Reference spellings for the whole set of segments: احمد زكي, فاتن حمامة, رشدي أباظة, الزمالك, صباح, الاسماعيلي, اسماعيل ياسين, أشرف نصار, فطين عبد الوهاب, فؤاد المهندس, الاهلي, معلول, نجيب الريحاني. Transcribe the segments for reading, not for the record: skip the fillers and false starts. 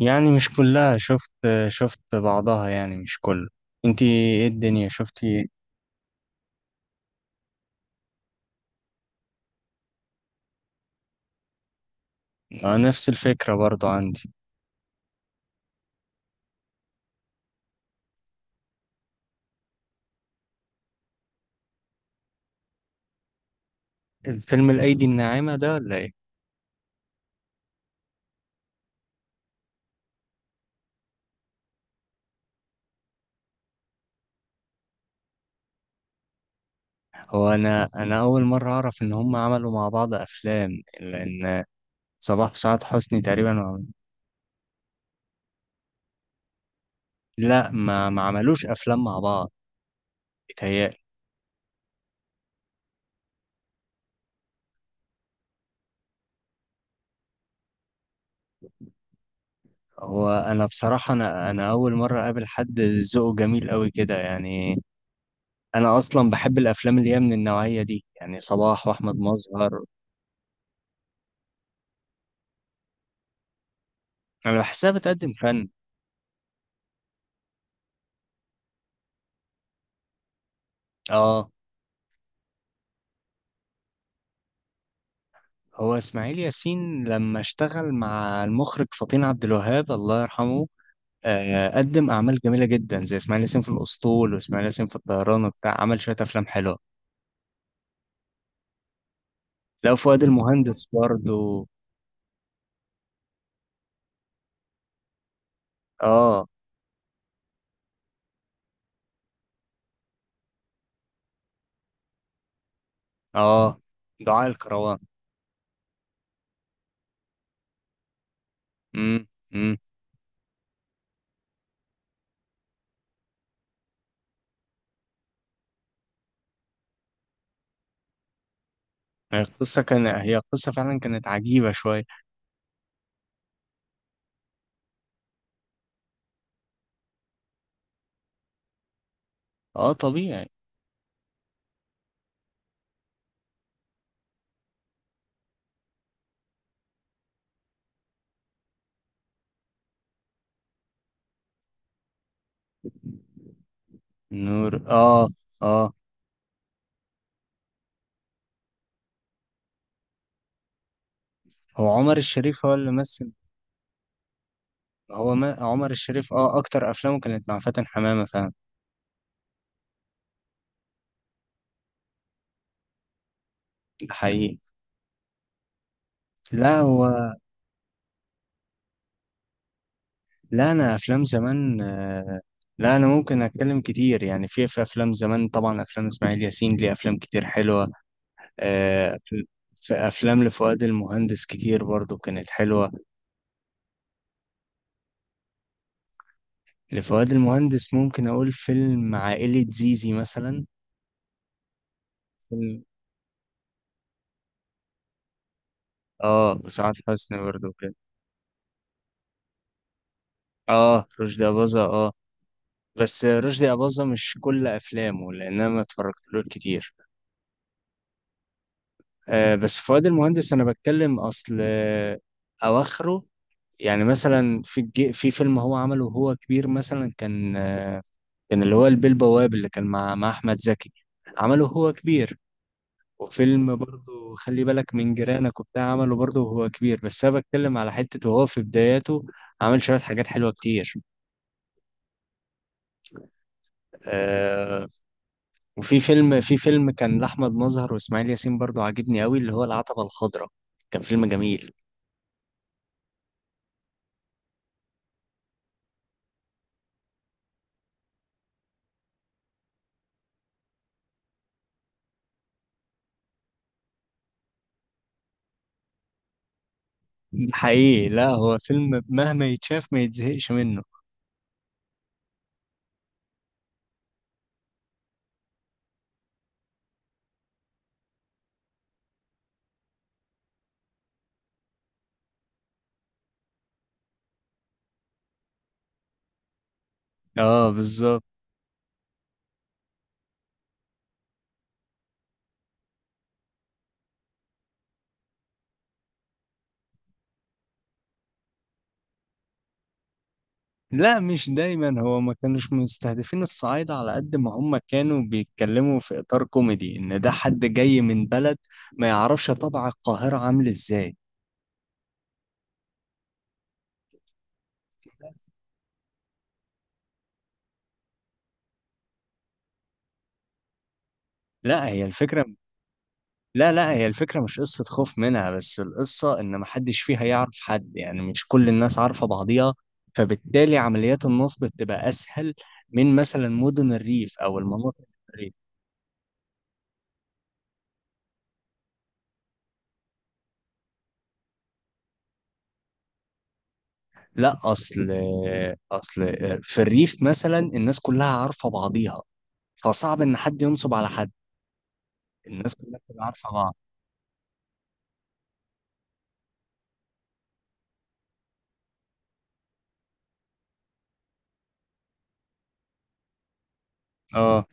يعني مش كلها، شفت بعضها، يعني مش كله. انتي، ايه الدنيا؟ شفتي ايه؟ آه، نفس الفكرة برضو عندي. فيلم الأيدي الناعمة ده ولا ايه؟ هو انا اول مرة اعرف ان هم عملوا مع بعض افلام، لان صباح وسعاد حسني تقريبا لا، ما عملوش افلام مع بعض، بيتهيألي. هو انا بصراحة، انا اول مرة اقابل حد ذوقه جميل قوي كده، يعني انا اصلا بحب الافلام اللي هي من النوعية دي، يعني صباح واحمد مظهر. انا بحسها بتقدم فن. اه. هو اسماعيل ياسين لما اشتغل مع المخرج فطين عبد الوهاب الله يرحمه، قدم اعمال جميله جدا، زي اسماعيل ياسين في الاسطول، واسماعيل ياسين في الطيران وبتاع، عمل شويه افلام حلوه. لو فؤاد المهندس برضو. اه. اه. دعاء الكروان. امم. امم. هي القصه فعلا كانت عجيبه شويه. اه، طبيعي. نور. اه. اه. هو عمر الشريف هو اللي مثل. هو ما عمر الشريف، اكتر افلامه كانت مع فاتن حمامة فعلا. ده حقيقي. لا، هو. لا، انا افلام زمان. لا، انا ممكن اتكلم كتير، يعني في افلام زمان، طبعا افلام اسماعيل ياسين ليه افلام كتير حلوة آه، في افلام لفؤاد المهندس كتير برضو كانت حلوة. لفؤاد المهندس ممكن اقول فيلم عائلة زيزي مثلا. فيلم، اه وسعاد حسني برضو كده. اه، رشدي أباظة. اه، بس رشدي أباظة مش كل أفلامه، لأن أنا ما اتفرجتلوش كتير. بس فؤاد المهندس انا بتكلم، اصل. اواخره. يعني مثلا في فيلم هو عمله وهو كبير، مثلا كان اللي هو البيه البواب اللي كان مع احمد زكي، عمله هو كبير. وفيلم برضه خلي بالك من جيرانك وبتاع، عمله برضه وهو كبير، بس انا بتكلم على حتة وهو في بداياته، عمل شوية حاجات حلوة كتير آه، وفي فيلم في فيلم كان لأحمد مظهر وإسماعيل ياسين برضه عاجبني قوي، اللي هو العتبة الخضراء، كان فيلم جميل. حقيقي، لا هو فيلم مهما يتشاف ما يتزهقش منه. اه، بالظبط. لا، مش دايما، هو ما كانوش مستهدفين الصعايدة على قد ما هم كانوا بيتكلموا في إطار كوميدي، إن ده حد جاي من بلد ما يعرفش طبع القاهرة عامل إزاي. لا، هي الفكرة. لا، لا، هي الفكرة مش قصة خوف منها، بس القصة إن محدش فيها يعرف حد، يعني مش كل الناس عارفة بعضيها، فبالتالي عمليات النصب بتبقى أسهل من مثلا مدن الريف أو المناطق. لا، اصل في الريف مثلا الناس كلها عارفه بعضيها، فصعب ان حد ينصب على حد. الناس كلها بتبقى عارفه بعض. اه.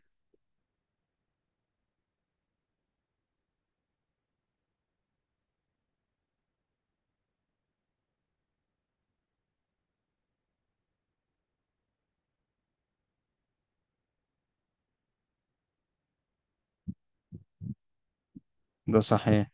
ده صحيح.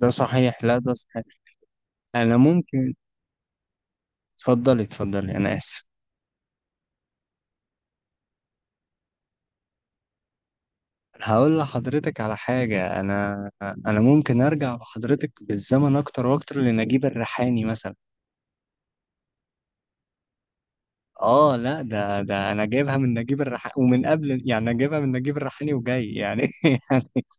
ده صحيح. لا، ده صحيح. انا ممكن. اتفضلي، اتفضلي، انا اسف. هقول لحضرتك على حاجه. انا ممكن ارجع بحضرتك بالزمن اكتر واكتر، لنجيب الريحاني مثلا. اه، لا ده انا جايبها من نجيب الريحاني ومن قبل، يعني انا جايبها من نجيب الريحاني وجاي يعني.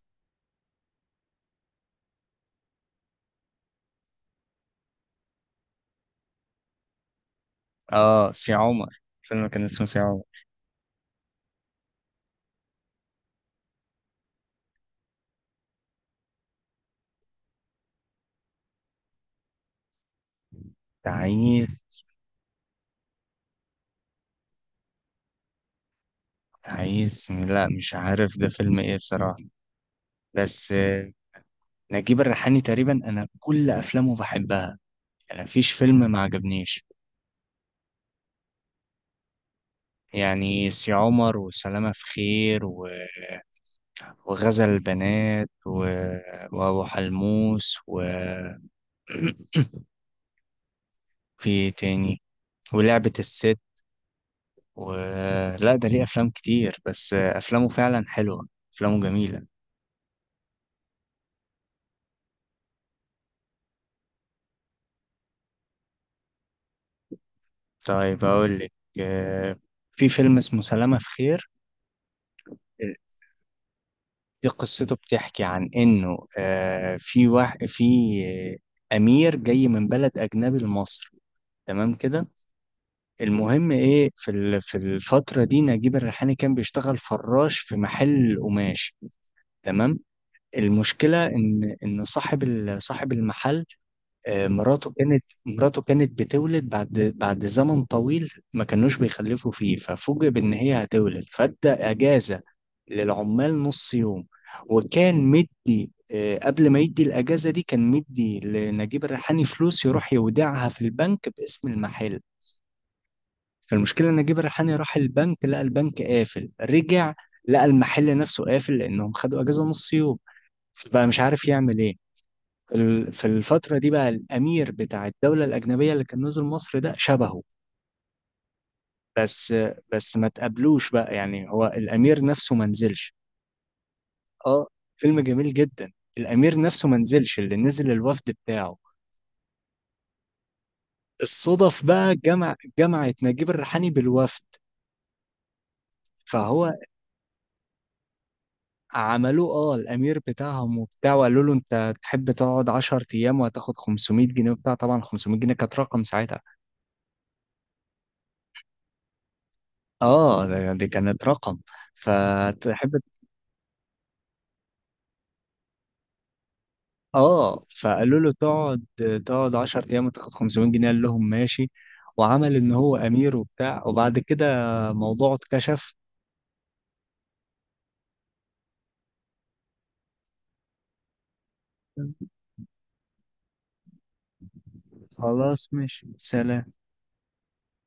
اه، سي عمر، فيلم كان اسمه سي عمر. تعيس. تعيس، لا، مش عارف ده فيلم ايه بصراحة. بس، نجيب الريحاني تقريبا انا كل افلامه بحبها، يعني مفيش فيلم ما عجبنيش، يعني سي عمر، وسلامة في خير، و... وغزل البنات، و... وابو حلموس، و في إيه تاني، ولعبة الست و... لا، ده ليه افلام كتير، بس، افلامه فعلا حلوة، افلامه جميلة. طيب اقول لك آه، في فيلم اسمه سلامة في خير. هي قصته بتحكي عن انه في واحد، في آه، امير جاي من بلد اجنبي لمصر، تمام كده. المهم ايه، في الفتره دي نجيب الريحاني كان بيشتغل فراش في محل قماش، تمام. المشكله ان صاحب المحل، مراته كانت بتولد، بعد زمن طويل ما كانوش بيخلفوا فيه، ففوجئ بان هي هتولد، فادى اجازه للعمال نص يوم. وكان مدي، قبل ما يدي الاجازه دي، كان مدي لنجيب الريحاني فلوس يروح يودعها في البنك باسم المحل. فالمشكله إن نجيب الريحاني راح البنك لقى البنك قافل، رجع لقى المحل نفسه قافل، لانهم خدوا اجازه نص يوم، فبقى مش عارف يعمل ايه. في الفترة دي بقى الأمير بتاع الدولة الأجنبية اللي كان نزل مصر ده شبهه. بس بس ما تقابلوش بقى، يعني هو الأمير نفسه ما نزلش. اه، فيلم جميل جدا. الأمير نفسه ما نزلش، اللي نزل الوفد بتاعه. الصدف بقى جمعت نجيب الريحاني بالوفد، فهو عملوه، الأمير بتاعهم وبتاع، وقالوا له أنت تحب تقعد 10 أيام وهتاخد 500 جنيه وبتاع، طبعا 500 جنيه كانت رقم ساعتها. اه. دي كانت رقم. فتحب. اه، فقالوا له تقعد 10 ايام وتاخد 500 جنيه. قال لهم ماشي، وعمل ان هو امير وبتاع، وبعد كده موضوعه اتكشف. خلاص، ماشي، سلام.